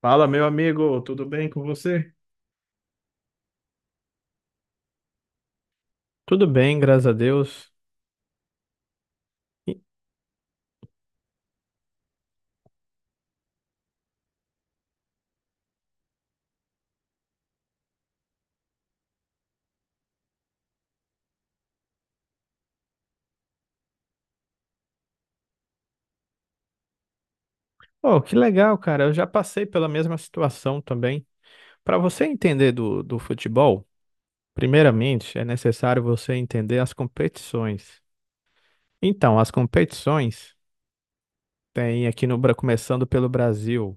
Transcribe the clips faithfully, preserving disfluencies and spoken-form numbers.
Fala, meu amigo, tudo bem com você? Tudo bem, graças a Deus. E- Oh, que legal, cara. Eu já passei pela mesma situação também. Para você entender do, do futebol, primeiramente é necessário você entender as competições. Então, as competições. Tem aqui no, Bra- começando pelo Brasil,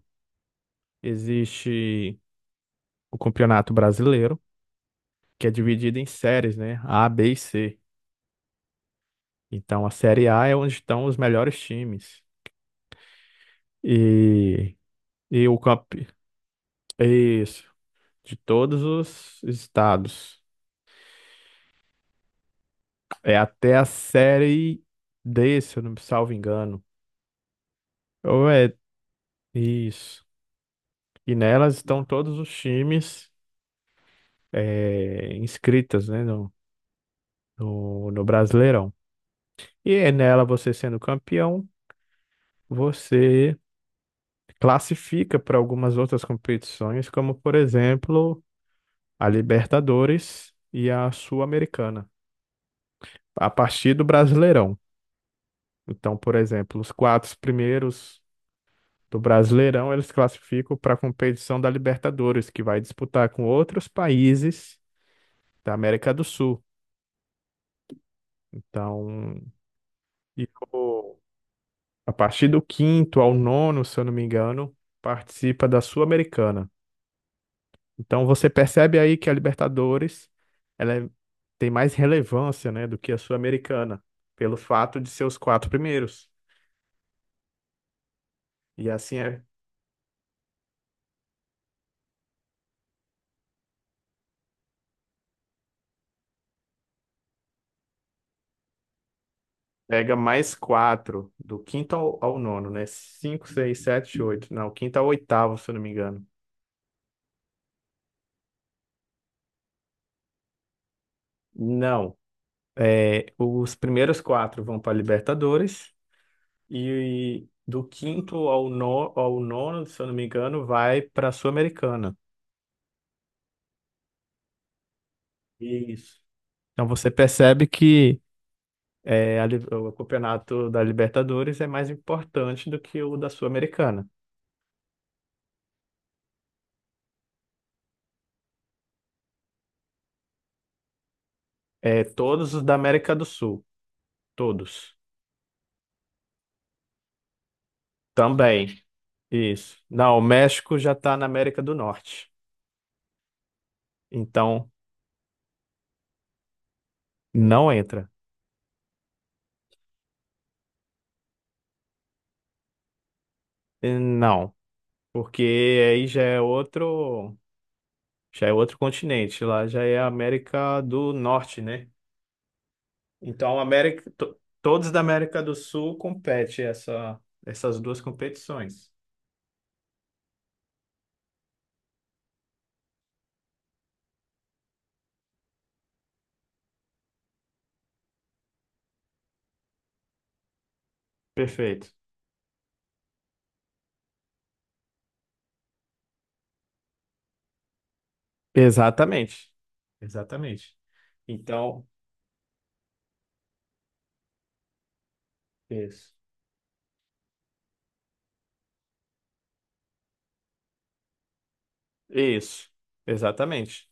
existe o Campeonato Brasileiro, que é dividido em séries, né? A, B e C. Então a série A é onde estão os melhores times. E, e o campe... Isso, de todos os estados. É até a série D, se eu não me salvo engano. Ou é isso. E nelas estão todos os times é, inscritas, né, no, no no Brasileirão. E é nela, você sendo campeão, você classifica para algumas outras competições, como por exemplo a Libertadores e a Sul-Americana, a partir do Brasileirão. Então, por exemplo, os quatro primeiros do Brasileirão eles classificam para a competição da Libertadores, que vai disputar com outros países da América do Sul. Então, e o- a partir do quinto ao nono, se eu não me engano, participa da Sul-Americana. Então você percebe aí que a Libertadores ela é- tem mais relevância, né, do que a Sul-Americana, pelo fato de ser os quatro primeiros. E assim é, pega mais quatro, do quinto ao, ao nono, né? Cinco, seis, sete, oito. Não, quinto ao oitavo, se eu não me engano. Não. É, os primeiros quatro vão para a Libertadores e, do quinto ao, no, ao nono, se eu não me engano, vai para a Sul-Americana. Isso. Então você percebe que é, a li- o campeonato da Libertadores é mais importante do que o da Sul-Americana. É, todos os da América do Sul, todos. Também, isso. Não, o México já está na América do Norte. Então, não entra. E não, porque aí já é outro, já é outro continente, lá já é a América do Norte, né? Então, a América, to- todos da América do Sul competem essa, essas duas competições. Perfeito. Exatamente. Exatamente. Então, Isso. Isso. Exatamente.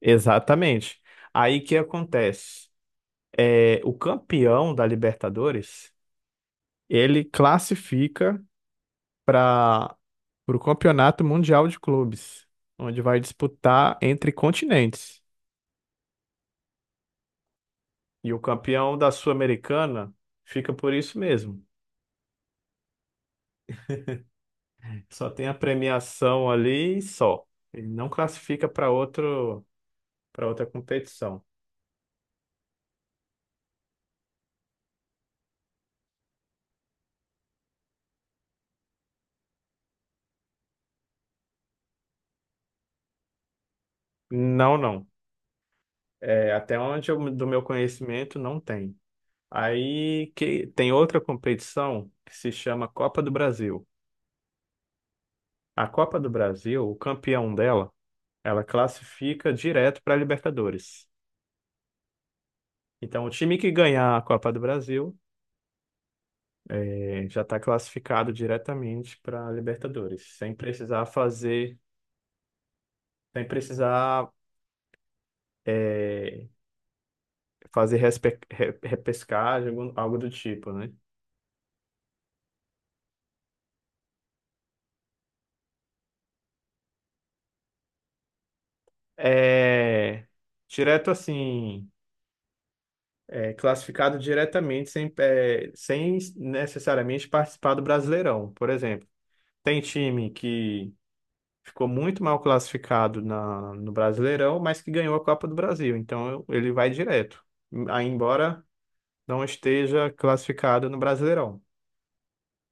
Exatamente. Aí o que acontece? É, o campeão da Libertadores, ele classifica para o Campeonato Mundial de Clubes, onde vai disputar entre continentes. E o campeão da Sul-Americana fica por isso mesmo. Só tem a premiação ali e só. Ele não classifica para outro, para outra competição. Não, não. É, até onde eu, do meu conhecimento não tem. Aí que tem outra competição que se chama Copa do Brasil. A Copa do Brasil, o campeão dela, ela classifica direto para a Libertadores. Então, o time que ganhar a Copa do Brasil é, já está classificado diretamente para a Libertadores, sem precisar fazer, sem precisar é, fazer respe- re- repescagem, algo algo do tipo, né? É, direto assim, é, classificado diretamente sem, é, sem necessariamente participar do Brasileirão, por exemplo. Tem time que ficou muito mal classificado na, no Brasileirão, mas que ganhou a Copa do Brasil, então eu- ele vai direto, aí embora não esteja classificado no Brasileirão,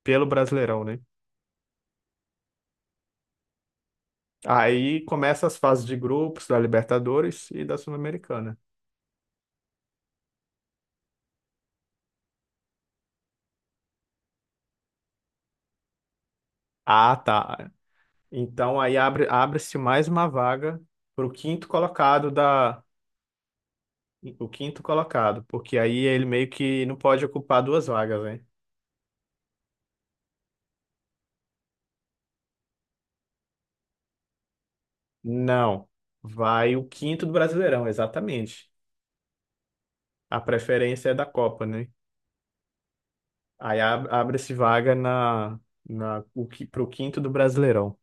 pelo Brasileirão, né? Aí começa as fases de grupos da Libertadores e da Sul-Americana. Ah, tá. Então aí abre, abre-se mais uma vaga para o quinto colocado da o quinto colocado, porque aí ele meio que não pode ocupar duas vagas, né? Não, vai o quinto do Brasileirão, exatamente. A preferência é da Copa, né? Aí ab- abre-se vaga na, na o que para o quinto do Brasileirão.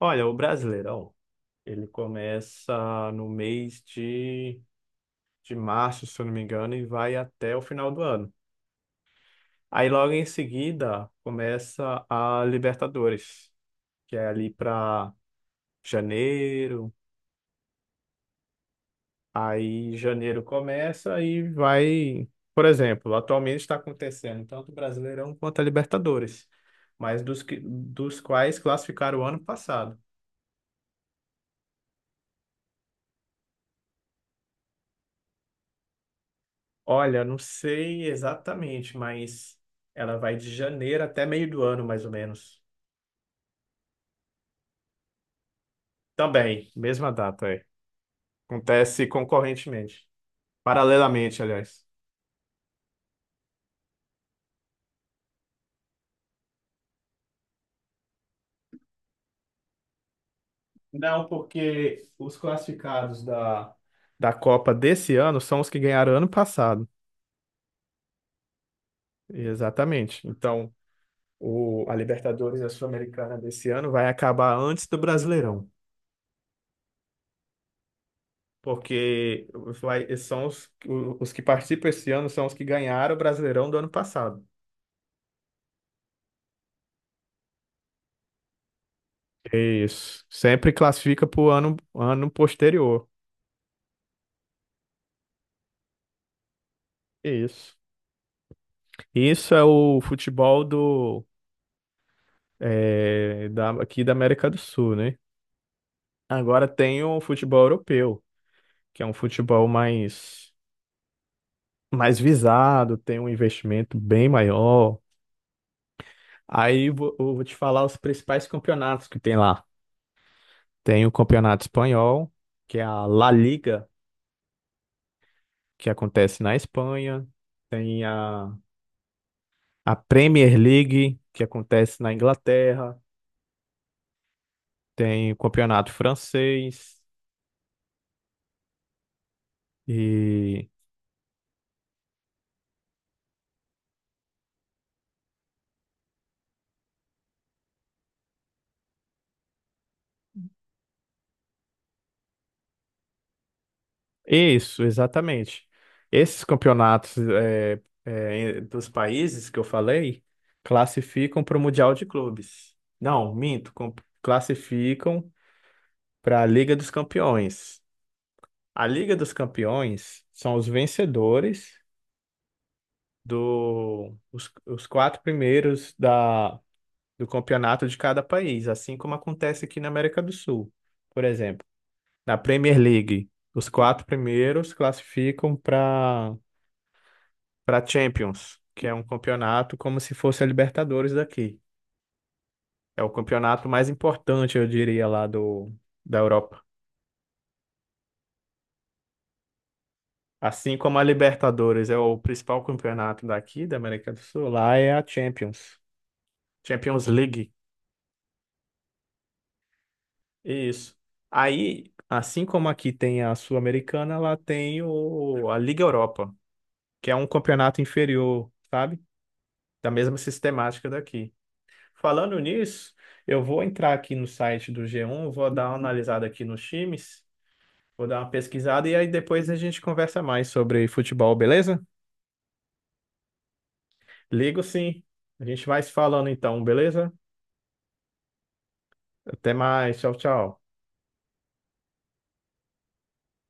Olha, o Brasileirão ele começa no mês de, de março, se eu não me engano, e vai até o final do ano. Aí logo em seguida começa a Libertadores, que é ali para janeiro. Aí janeiro começa e vai, por exemplo, atualmente está acontecendo tanto o Brasileirão quanto a Libertadores, mas dos, que- dos quais classificaram o ano passado. Olha, não sei exatamente, mas ela vai de janeiro até meio do ano, mais ou menos. Também, mesma data, é. Acontece concorrentemente, paralelamente, aliás. Não, porque os classificados da, da Copa desse ano são os que ganharam ano passado. Exatamente. Então, o, a Libertadores e a Sul-Americana desse ano vai acabar antes do Brasileirão. Porque vai, são os, o- os que participam esse ano são os que ganharam o Brasileirão do ano passado. Isso. Sempre classifica para o ano, ano posterior. Isso. Isso é o futebol do, é, da, aqui da América do Sul, né? Agora tem o futebol europeu, que é um futebol mais, mais visado, tem um investimento bem maior. Aí vo- eu vou te falar os principais campeonatos que tem lá. Tem o Campeonato Espanhol, que é a La Liga, que acontece na Espanha. Tem a, a Premier League, que acontece na Inglaterra. Tem o Campeonato Francês e isso, exatamente. Esses campeonatos é, é, dos países que eu falei classificam para o Mundial de Clubes. Não, minto, com- Classificam para a Liga dos Campeões. A Liga dos Campeões são os vencedores do os, os quatro primeiros da, do campeonato de cada país, assim como acontece aqui na América do Sul, por exemplo. Na Premier League, os quatro primeiros classificam para para Champions, que é um campeonato como se fosse a Libertadores daqui. É o campeonato mais importante, eu diria, lá do, da Europa. Assim como a Libertadores é o principal campeonato daqui, da América do Sul, lá é a Champions. Champions League. Isso. Aí, assim como aqui tem a Sul-Americana, lá tem o, a Liga Europa, que é um campeonato inferior, sabe? Da mesma sistemática daqui. Falando nisso, eu vou entrar aqui no site do G um, vou dar uma analisada aqui nos times, vou dar uma pesquisada e aí depois a gente conversa mais sobre futebol, beleza? Ligo sim. A gente vai se falando então, beleza? Até mais. Tchau, tchau.